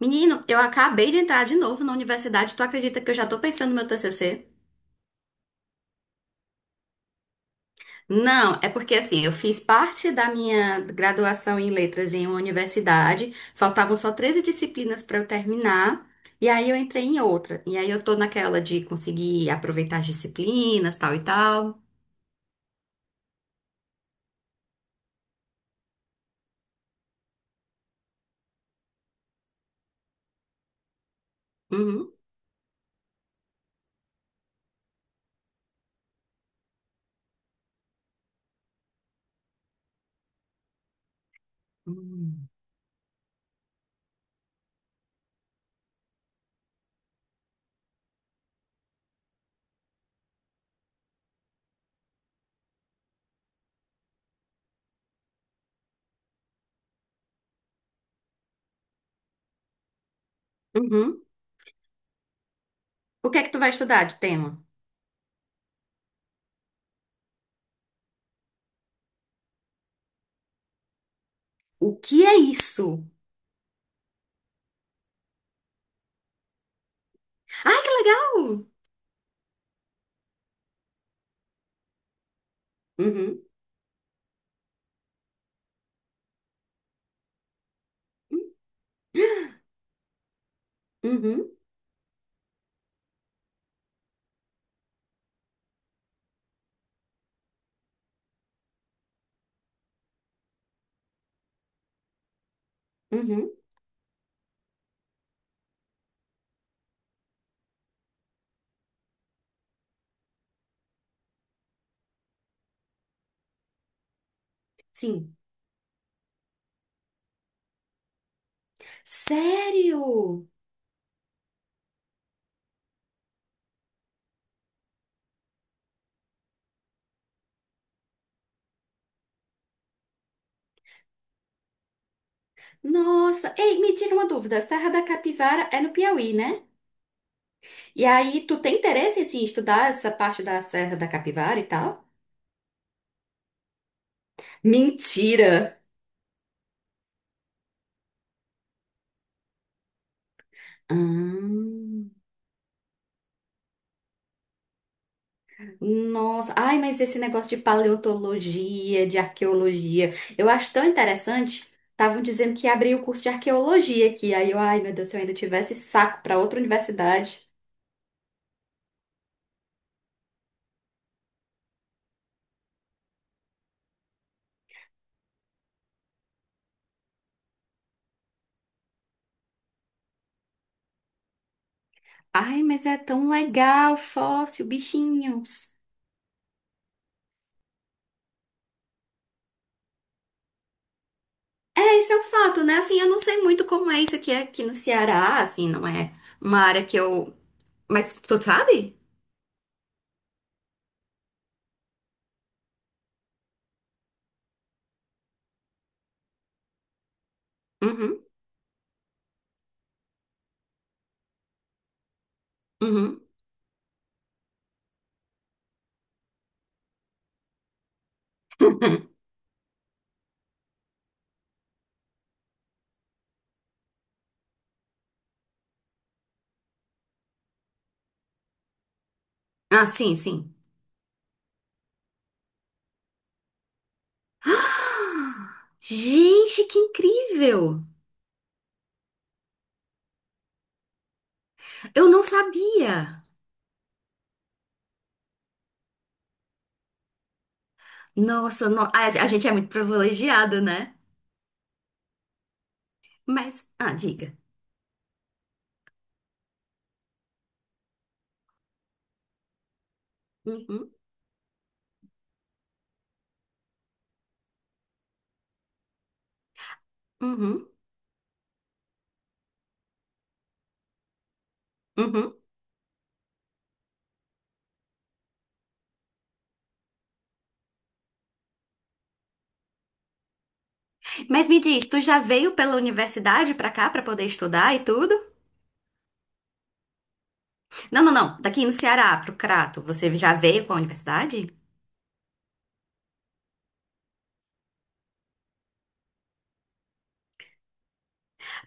Menino, eu acabei de entrar de novo na universidade. Tu acredita que eu já tô pensando no meu TCC? Não, é porque assim, eu fiz parte da minha graduação em letras em uma universidade, faltavam só 13 disciplinas para eu terminar, e aí eu entrei em outra. E aí eu tô naquela de conseguir aproveitar as disciplinas, tal e tal. Uhum. Hum. Uhum. O que é que tu vai estudar de tema? O que é isso? Ai, que legal! Uhum. Uhum. Uhum. Sim. Sério? Nossa, ei, me tira uma dúvida. Serra da Capivara é no Piauí, né? E aí, tu tem interesse assim, em estudar essa parte da Serra da Capivara e tal? Mentira! Hum, nossa, ai, mas esse negócio de paleontologia, de arqueologia, eu acho tão interessante. Estavam dizendo que ia abrir o curso de arqueologia aqui. Aí eu, ai, meu Deus, se eu ainda tivesse saco para outra universidade. Ai, mas é tão legal, fóssil, bichinhos. É, esse é o fato, né? Assim, eu não sei muito como é isso aqui, aqui no Ceará, assim, não é uma área que eu. Mas tu sabe? Uhum, uhum. Ah, sim, sim. Ah, gente, que incrível! Eu não sabia! Nossa, no- a gente é muito privilegiado, né? Mas, ah, diga. Uhum, uhum, uhum. Mas me diz, tu já veio pela universidade pra cá pra poder estudar e tudo? Não, não, não. Daqui no Ceará, pro Crato, você já veio com a universidade?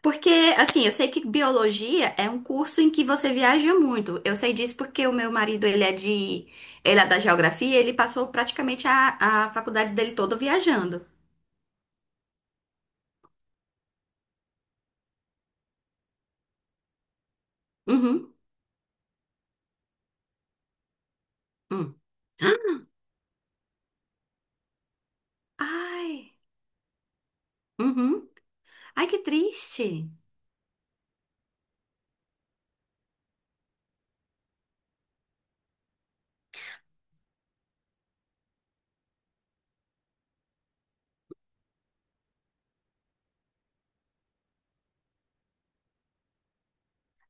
Porque, assim, eu sei que biologia é um curso em que você viaja muito. Eu sei disso porque o meu marido, ele é de, ele é da geografia, ele passou praticamente a faculdade dele toda viajando. Uhum. Hum. Ai. Uhum. Ai, que triste.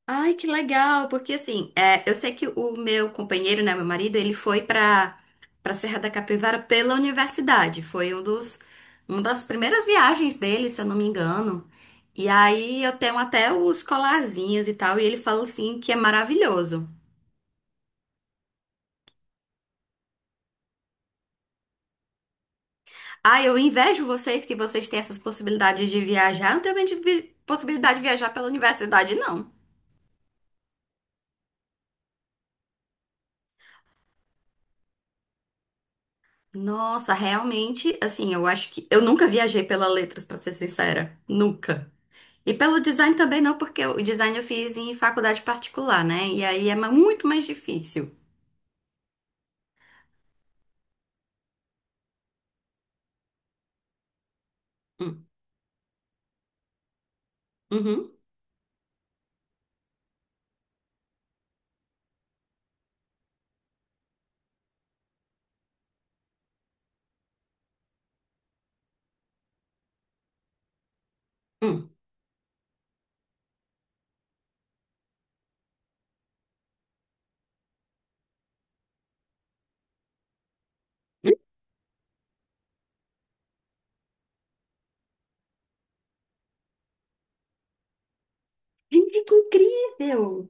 Ai, que legal, porque assim, é, eu sei que o meu companheiro, né, meu marido, ele foi para para Serra da Capivara pela universidade. Foi um dos, uma das primeiras viagens dele, se eu não me engano. E aí eu tenho até os colarzinhos e tal, e ele fala assim que é maravilhoso. Ah, eu invejo vocês que vocês têm essas possibilidades de viajar. Eu não tenho de vi- possibilidade de viajar pela universidade, não. Nossa, realmente, assim, eu acho que eu nunca viajei pela Letras, para ser sincera. Nunca. E pelo design também não, porque o design eu fiz em faculdade particular, né? E aí é ma- muito mais difícil. Hum, uhum, hum. Gente, que incrível!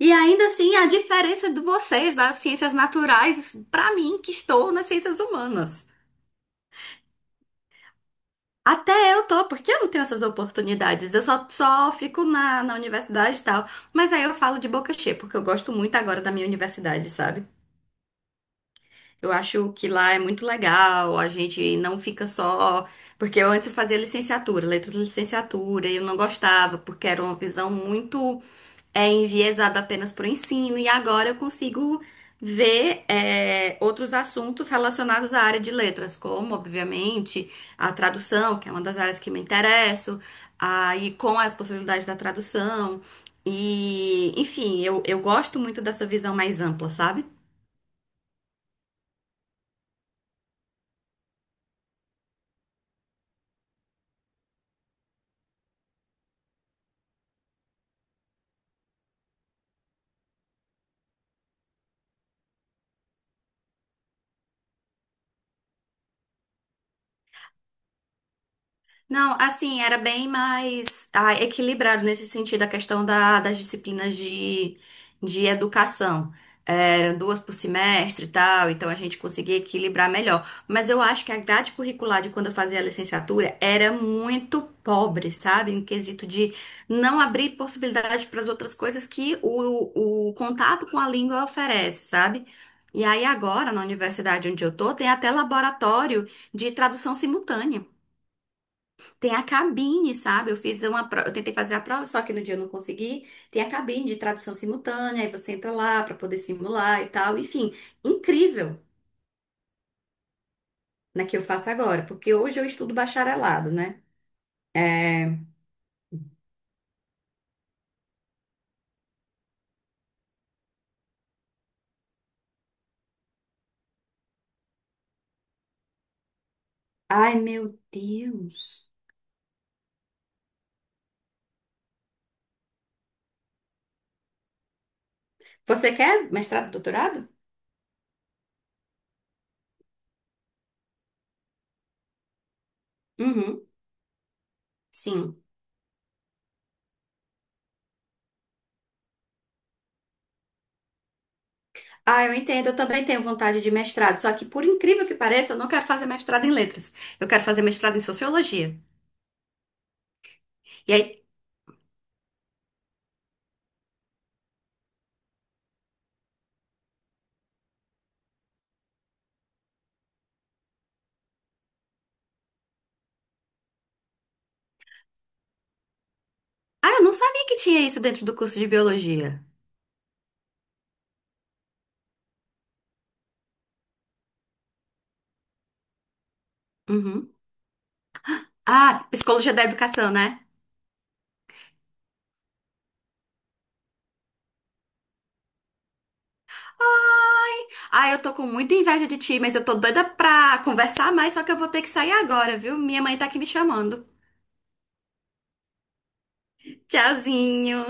E ainda assim, a diferença de vocês das ciências naturais pra mim, que estou nas ciências humanas. Até eu tô, porque eu não tenho essas oportunidades. Eu só, só fico na universidade e tal. Mas aí eu falo de boca cheia, porque eu gosto muito agora da minha universidade, sabe? Eu acho que lá é muito legal, a gente não fica só. Porque eu antes eu fazia licenciatura, letras de licenciatura, e eu não gostava, porque era uma visão muito é, enviesada apenas para o ensino, e agora eu consigo ver é, outros assuntos relacionados à área de letras, como, obviamente, a tradução, que é uma das áreas que me interesso, aí com as possibilidades da tradução. E, enfim, eu gosto muito dessa visão mais ampla, sabe? Não, assim, era bem mais ah, equilibrado nesse sentido, a questão da- das disciplinas de educação. Eram duas por semestre e tal, então a gente conseguia equilibrar melhor. Mas eu acho que a grade curricular de quando eu fazia a licenciatura era muito pobre, sabe? Em quesito de não abrir possibilidade para as outras coisas que o contato com a língua oferece, sabe? E aí agora, na universidade onde eu tô, tem até laboratório de tradução simultânea. Tem a cabine, sabe? Eu fiz uma prova, eu tentei fazer a prova, só que no dia eu não consegui. Tem a cabine de tradução simultânea, aí você entra lá para poder simular e tal. Enfim, incrível, né, que eu faço agora, porque hoje eu estudo bacharelado, né? É... Ai, meu Deus. Você quer mestrado, doutorado? Uhum, sim. Ah, eu entendo, eu também tenho vontade de mestrado, só que por incrível que pareça, eu não quero fazer mestrado em letras. Eu quero fazer mestrado em sociologia. E aí, ah, eu não sabia que tinha isso dentro do curso de biologia. Uhum. Ah, psicologia da educação, né? Ai, ai, eu tô com muita inveja de ti, mas eu tô doida pra conversar mais, só que eu vou ter que sair agora, viu? Minha mãe tá aqui me chamando. Tchauzinho.